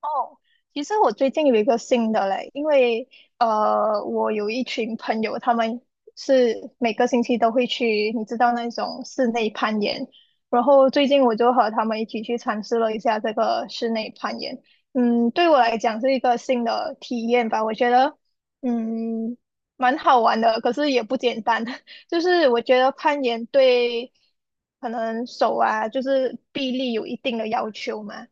哦，其实我最近有一个新的嘞。因为我有一群朋友，他们是每个星期都会去，你知道那种室内攀岩。然后最近我就和他们一起去尝试了一下这个室内攀岩。对我来讲是一个新的体验吧。我觉得嗯蛮好玩的，可是也不简单。就是我觉得攀岩对可能手啊，就是臂力有一定的要求嘛。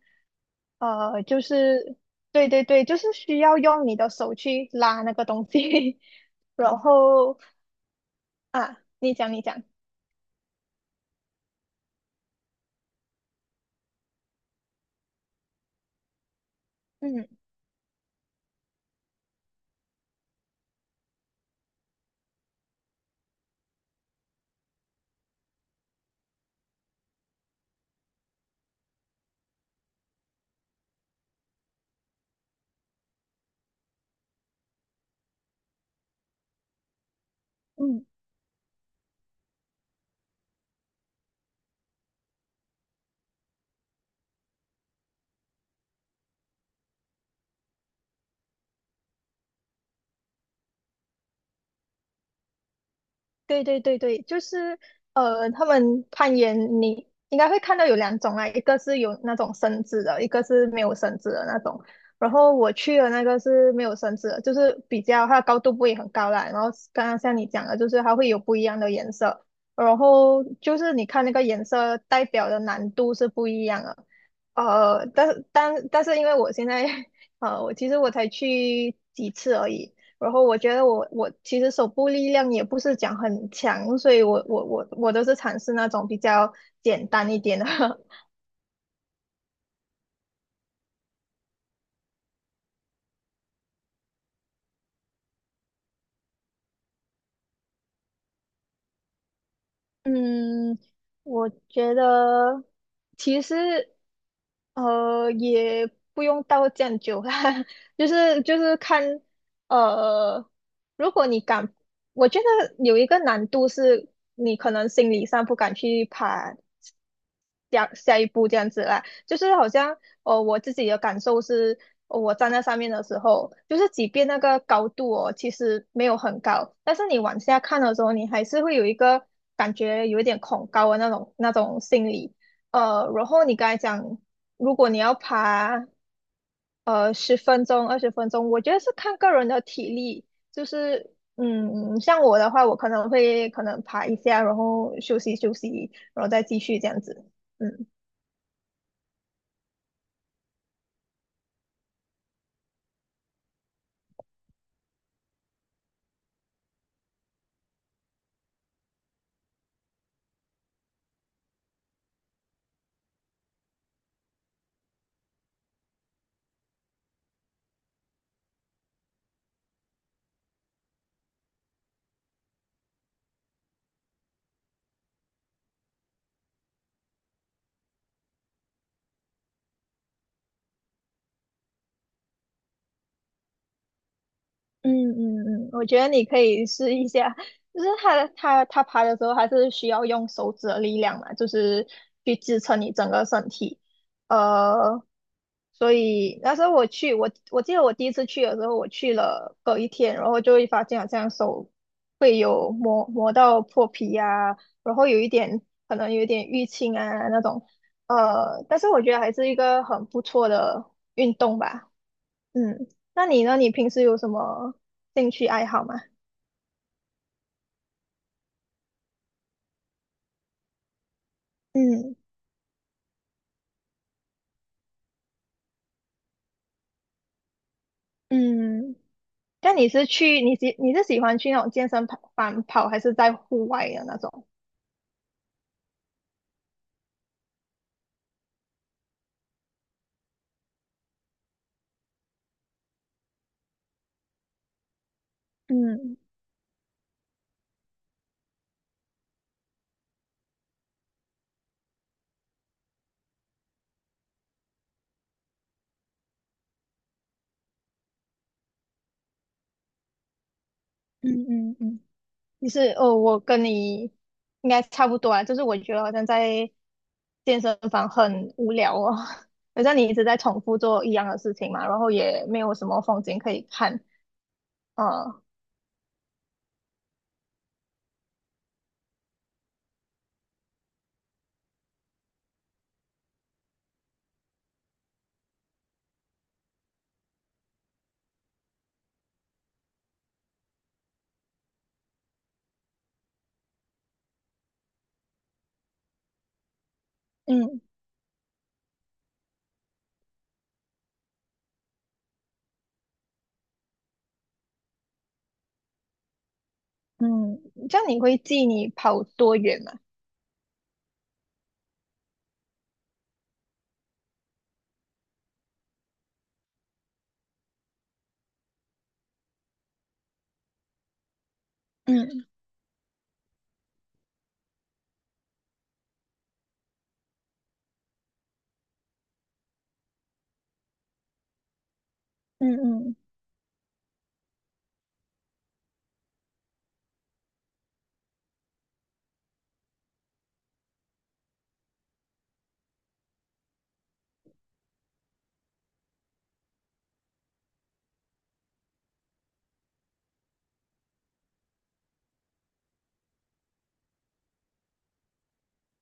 就是对对对，就是需要用你的手去拉那个东西。然后啊，你讲你讲。嗯。嗯。对对对对，就是他们攀岩你应该会看到有两种啊，一个是有那种绳子的，一个是没有绳子的那种。然后我去的那个是没有绳子的，就是比较它的高度不会很高啦。然后刚刚像你讲的，就是它会有不一样的颜色，然后就是你看那个颜色代表的难度是不一样的。但是因为我现在 其实我才去几次而已。然后我觉得我其实手部力量也不是讲很强，所以我都是尝试那种比较简单一点的。嗯，我觉得其实也不用到这样久啦。就是看呃，如果你敢，我觉得有一个难度是你可能心理上不敢去爬下下一步这样子啦。就是好像我自己的感受是，我站在上面的时候，就是即便那个高度哦其实没有很高，但是你往下看的时候，你还是会有一个感觉有一点恐高的那种心理。然后你刚才讲，如果你要爬十分钟、20分钟，我觉得是看个人的体力。就是像我的话，我可能会可能爬一下，然后休息休息，然后再继续这样子。嗯。嗯嗯嗯，我觉得你可以试一下，就是他爬的时候，还是需要用手指的力量嘛，就是去支撑你整个身体。呃，所以那时候我去，我记得我第一次去的时候，我去了隔一天，然后就会发现好像手会有磨磨到破皮啊，然后有一点可能有一点淤青啊那种。但是我觉得还是一个很不错的运动吧。嗯，那你呢？你平时有什么兴趣爱好吗？嗯嗯，那你是喜欢去那种健身跑房跑，还是在户外的那种？嗯嗯嗯嗯，你是哦，我跟你应该差不多啊，就是我觉得好像在健身房很无聊哦。好像你一直在重复做一样的事情嘛，然后也没有什么风景可以看。啊。嗯嗯，这样你会记你跑多远吗？嗯嗯嗯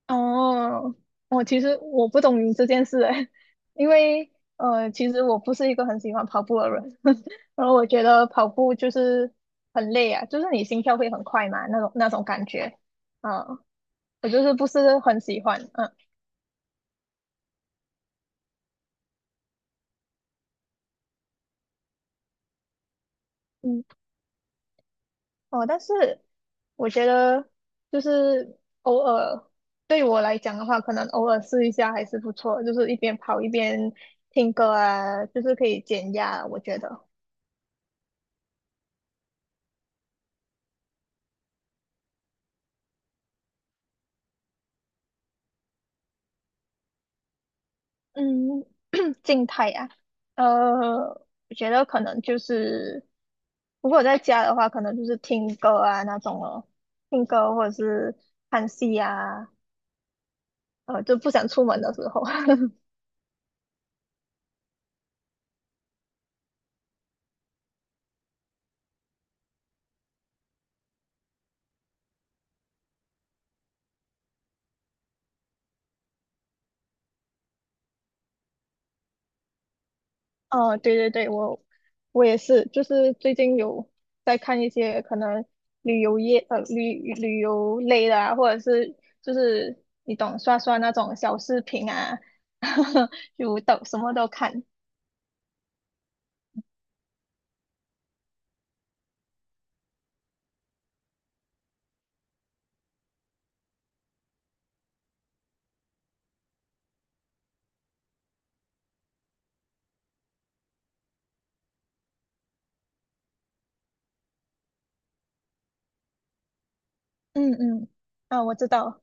哦，我其实不懂你这件事诶。因为其实我不是一个很喜欢跑步的人。然后我觉得跑步就是很累啊，就是你心跳会很快嘛，那种感觉。嗯，我就是不是很喜欢。嗯嗯。哦，但是我觉得就是偶尔对我来讲的话，可能偶尔试一下还是不错，就是一边跑一边听歌啊，就是可以减压啊，我觉得。嗯。静态呀？我觉得可能就是，如果在家的话，可能就是听歌啊那种哦，听歌或者是看戏啊。就不想出门的时候。哦，对对对，我也是，就是最近有在看一些可能旅游类的啊，或者是就是你懂刷刷那种小视频啊。就都什么都看。嗯嗯，啊，我知道。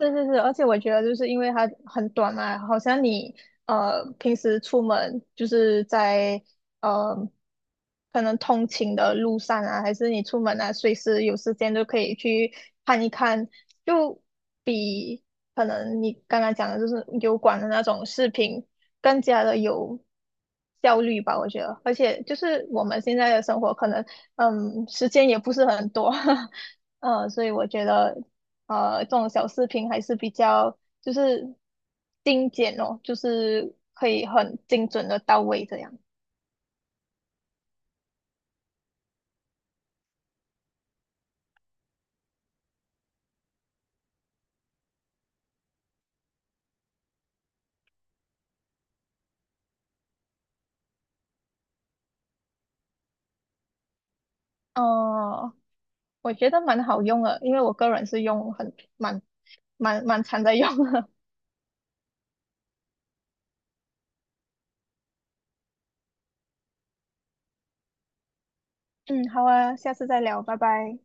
是是是，而且我觉得就是因为它很短嘛，好像你平时出门就是在呃可能通勤的路上啊，还是你出门啊，随时有时间都可以去看一看，就比可能你刚刚讲的就是油管的那种视频更加的有效率吧，我觉得。而且就是我们现在的生活可能时间也不是很多。所以我觉得。这种小视频还是比较就是精简哦，就是可以很精准的到位这样。哦、我觉得蛮好用的，因为我个人是用很蛮常在用的。嗯，好啊，下次再聊，拜拜。